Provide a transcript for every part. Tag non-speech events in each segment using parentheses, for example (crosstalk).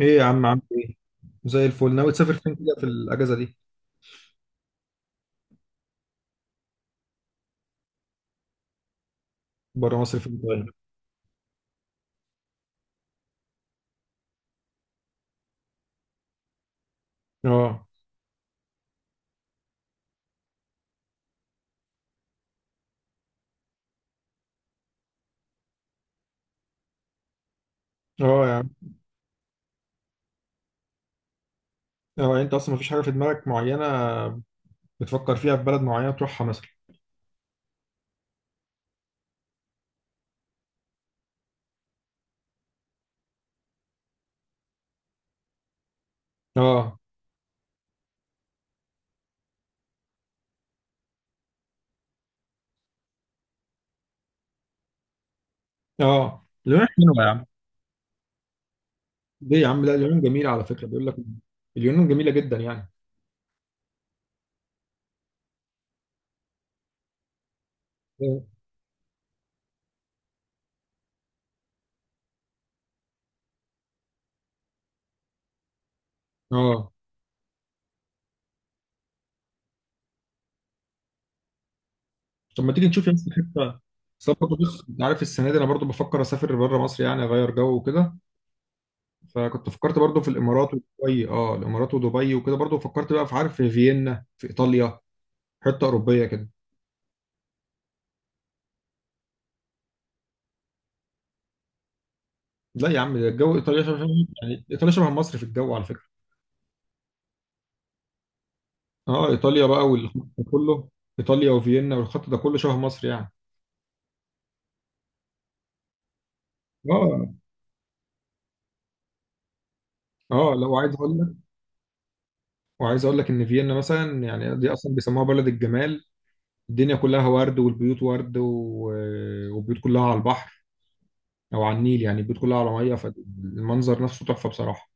ايه يا عم، عامل ايه؟ زي الفل. ناوي تسافر فين كده في الاجازه دي؟ بره مصر فين طيب؟ اه. اه يا عم. اه، انت اصلا مفيش حاجه في دماغك معينه بتفكر فيها، في بلد معينه تروحها مثلا؟ اه. اه، اليونان حلوه يا عم. ليه يا عم؟ لا، اليونان جميله على فكره، بيقول لك اليونان جميله جدا يعني. اه. طب ما تيجي نشوف يا اسطى حته. طب برضه، بص، انت عارف السنه دي انا برضه بفكر اسافر بره مصر، يعني اغير جو وكده. فكنت فكرت برضه في الامارات ودبي، اه، الامارات ودبي وكده، برضه فكرت بقى في في فيينا، في ايطاليا، حته اوروبيه كده. لا يا عم، ده الجو ايطاليا شبه. يعني ايطاليا شبه مصر في الجو على فكره. اه، ايطاليا بقى والخط ده كله. ايطاليا وفيينا والخط ده كله شبه مصر يعني. اه. اه، لو عايز اقول لك، وعايز اقول لك ان فيينا مثلا، يعني دي اصلا بيسموها بلد الجمال. الدنيا كلها ورد، والبيوت ورد، و والبيوت كلها على البحر، او على النيل، يعني البيوت كلها على ميه، فالمنظر نفسه تحفه بصراحه.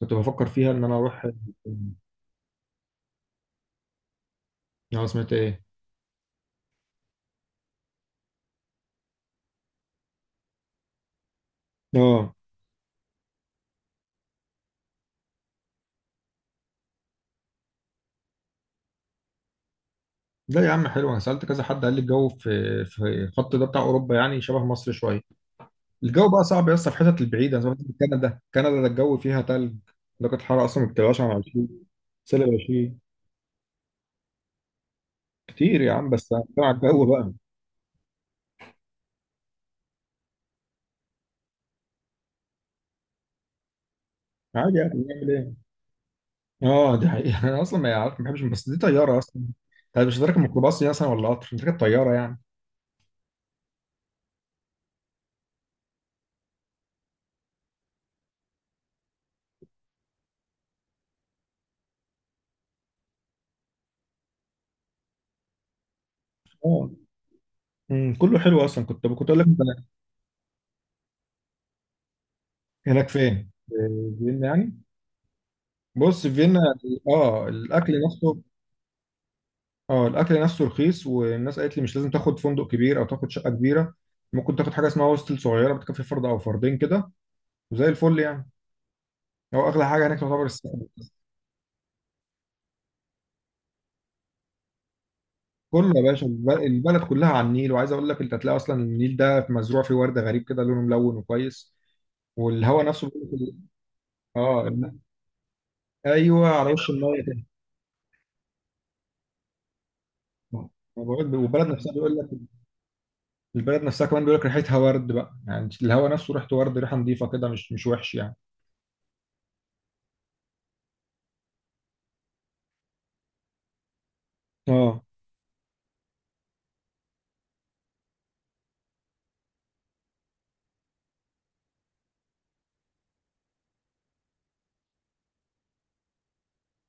كنت بفكر فيها ان انا اروح، اه. سمعت ايه؟ اه، لا يا عم حلو، انا سالت كذا حد، قال لي الجو في الخط ده بتاع اوروبا يعني شبه مصر شويه. الجو بقى صعب يا اسطى في الحتت البعيده، زي ما قلت لك كندا، كندا ده الجو فيها تلج. درجه الحراره اصلا ما بتبقاش عن 20، سالب 20. كتير يا عم، بس هنتكلم على الجو بقى. عادي، يعني نعمل ايه؟ اه، دي حقيقه. (laughs) انا اصلا ما عارف، ما بحبش، بس دي طياره اصلا. طيب، مش راكب ميكروباص يعني اصلا، ولا قطر، انت راكب طياره يعني. اه. كله حلو اصلا. كنت اقول لك انت. هناك فين، في فيينا يعني؟ بص، في فيينا، اه، الاكل نفسه. اه، الاكل نفسه رخيص، والناس قالت لي مش لازم تاخد فندق كبير او تاخد شقه كبيره، ممكن تاخد حاجه اسمها هوستل، صغيره، بتكفي فرد او فردين كده، وزي الفل يعني. هو اغلى حاجه هناك تعتبر السكن. كله يا باشا، البلد كلها على النيل. وعايز اقول لك، انت هتلاقي اصلا النيل ده مزروع فيه ورد غريب كده، لونه ملون وكويس. والهواء نفسه بيقول لك- اه، ايوه، على وش الميه كده. آه، بقول- والبلد نفسها بيقول لك، البلد نفسها كمان بيقول لك ريحتها ورد بقى، يعني الهواء نفسه ريحته ورد، ريحه نظيفه كده، مش مش وحش يعني. اه.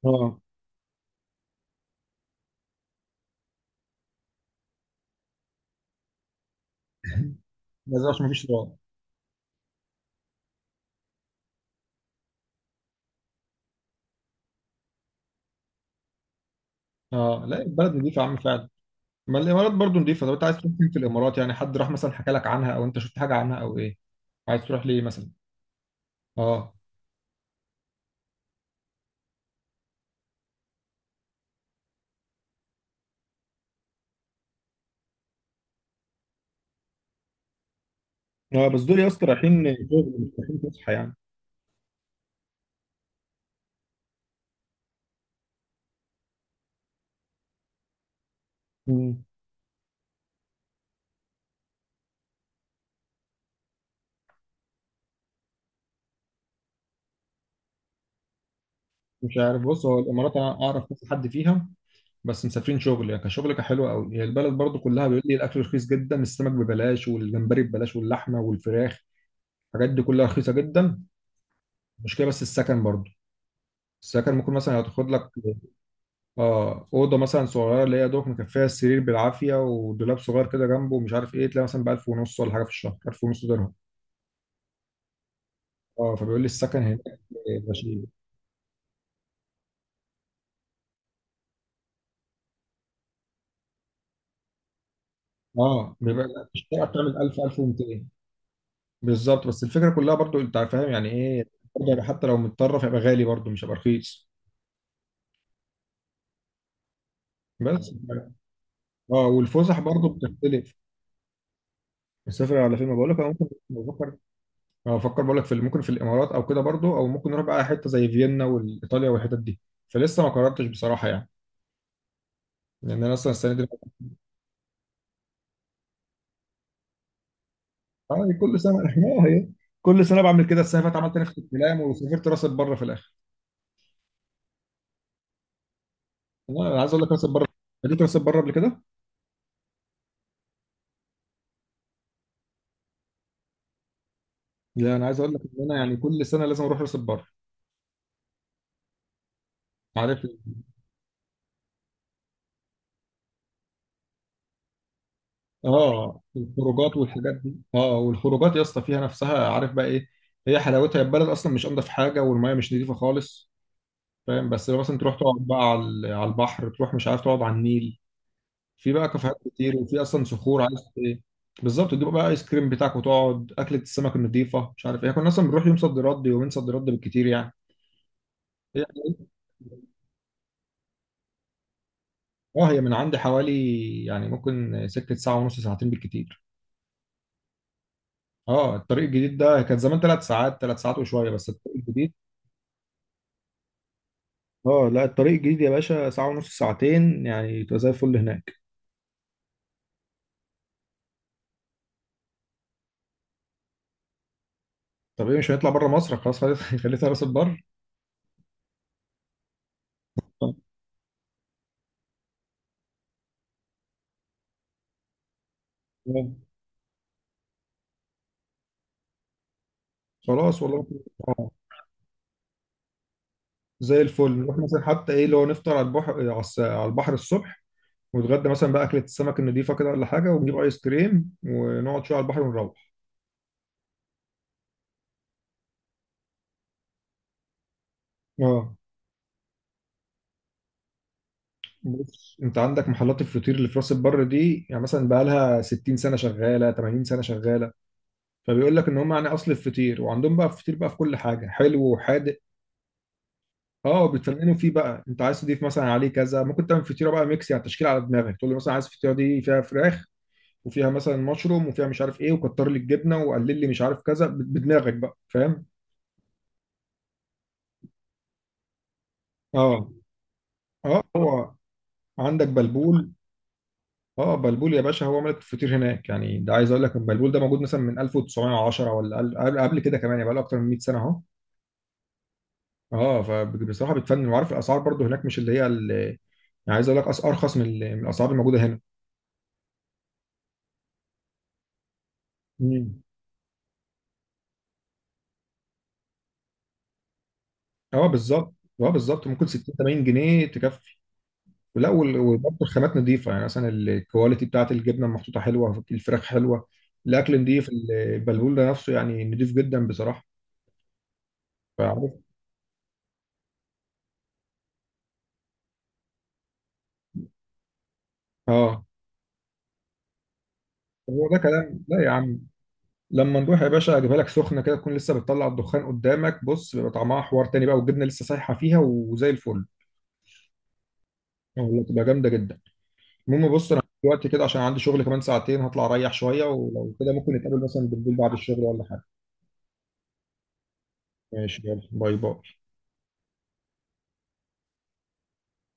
اه، ما زرعش، مفيش تراب. اه، لا البلد نضيفة يا عم فعلا. ما الامارات برضو نضيفة. طب انت عايز تروح فين في الامارات يعني؟ حد راح مثلا حكى لك عنها، او انت شفت حاجة عنها، او ايه؟ عايز تروح ليه مثلا؟ اه. اه، بس دول يا اسطى رايحين شغل، مش رايحين فسحة يعني. مم. مش عارف، بص، هو الامارات انا اعرف كذا حد فيها، بس مسافرين شغل. يعني كشغل كحلو قوي، هي البلد برضو كلها بيقول لي الاكل رخيص جدا، السمك ببلاش، والجمبري ببلاش، واللحمة والفراخ، الحاجات دي كلها رخيصة جدا. المشكلة بس السكن برضو. السكن ممكن مثلا هتاخد لك، اه، اوضه مثلا صغيره اللي هي دوك، مكفيها السرير بالعافيه، ودولاب صغير كده جنبه، ومش عارف ايه، تلاقي مثلا ب 1000 ونص ولا حاجه في الشهر، 1000 ونص درهم. اه، فبيقول لي السكن هناك غشيم. اه، بيبقى في الشقه بتعمل 1000، 1200 بالظبط. بس الفكره كلها برضو انت فاهم يعني ايه، برضو هيبقى حتى لو متطرف هيبقى غالي برضو، مش هيبقى رخيص. بس اه، والفسح برضو بتختلف. مسافر على فين؟ ما بقول لك انا ممكن بفكر. اه، بفكر، بقول لك في ممكن في الامارات او كده برضو، او ممكن نروح بقى حته زي فيينا وايطاليا والحتت دي. فلسه ما قررتش بصراحه يعني، لان انا اصلا السنه دي. كل سنه. (laughs) اه هي، كل سنه بعمل كده. السنه اللي فاتت عملت نفس الكلام، وسافرت راس البر في الاخر. والله انا عايز اقول لك راس البر، خليت راس البر قبل كده. لا، انا عايز اقول لك ان انا يعني كل سنه لازم اروح راس البر، عارف. اه، الخروجات والحاجات دي. اه، والخروجات يا اسطى فيها نفسها، عارف بقى ايه؟ هي حلاوتها. البلد اصلا مش انضف حاجه، والميه مش نظيفه خالص، فاهم، بس لو مثلا تروح تقعد بقى على، على البحر، تروح مش عارف تقعد على النيل، في بقى كافيهات كتير، وفي اصلا صخور، عايز ايه بالظبط. تجيب بقى ايس كريم بتاعك، وتقعد اكله السمك النظيفه، مش عارف ايه. كنا اصلا بنروح يوم صد رد، يومين صد رد بالكتير يعني. هي. اه، هي من عندي حوالي، يعني ممكن سكه ساعه ونص، ساعتين بالكتير. اه، الطريق الجديد ده. كان زمان ثلاث ساعات، ثلاث ساعات وشويه، بس الطريق الجديد، اه، لا الطريق الجديد يا باشا ساعه ونص، ساعتين يعني، تبقى زي الفل هناك. طب ايه، مش هنطلع بره مصر خلاص، خليتها (laughs) خليتها راس البر. طب، خلاص والله. زي الفل نروح مثلا، حتى ايه اللي هو نفطر على البحر، على على البحر الصبح، ونتغدى مثلا بقى اكله السمك النضيفه كده ولا حاجه، ونجيب ايس كريم، ونقعد شويه على البحر ونروح. اه، بص، انت عندك محلات الفطير اللي في راس البر دي، يعني مثلا بقى لها 60 سنه شغاله، 80 سنه شغاله. فبيقول لك ان هم يعني اصل الفطير، وعندهم بقى فطير بقى في كل حاجه، حلو وحادق. اه، بتفننوا فيه بقى. انت عايز تضيف مثلا عليه كذا، ممكن تعمل فطيره بقى ميكس، يعني تشكيل على دماغك، تقول له مثلا عايز الفطيره دي فيها فراخ، وفيها مثلا مشروم، وفيها مش عارف ايه، وكتر لي الجبنه، وقلل لي مش عارف كذا، بدماغك بقى، فاهم. اه. اه، هو عندك بلبول. اه، بلبول يا باشا، هو ملك الفطير هناك يعني. ده عايز اقول لك البلبول ده موجود مثلا من 1910 ولا قبل، قبل كده كمان، يعني بقى له اكتر من 100 سنه اهو. اه، فبصراحه بتفنن. وعارف الاسعار برضو هناك مش اللي هي اللي يعني، عايز اقول لك ارخص من من الاسعار الموجوده هنا. مم. اه، بالظبط. اه، بالظبط، ممكن 60، 80 جنيه تكفي. لا، وبرضه الخامات نظيفه يعني، مثلا الكواليتي بتاعت الجبنه محطوطه حلوه، الفراخ حلوه، الاكل نظيف. البلبول ده نفسه يعني نظيف جدا بصراحه. فعارف. اه، هو ده كلام. لا يا عم، لما نروح يا باشا اجيبها لك سخنه كده، تكون لسه بتطلع الدخان قدامك، بص بيبقى طعمها حوار تاني بقى، والجبنه لسه سايحه فيها، وزي الفل، والله تبقى جامده جدا. المهم، بص، انا دلوقتي كده عشان عندي شغل كمان ساعتين، هطلع اريح شويه، ولو كده ممكن نتقابل مثلا بالليل بعد الشغل ولا حاجه. ماشي، يلا، باي باي.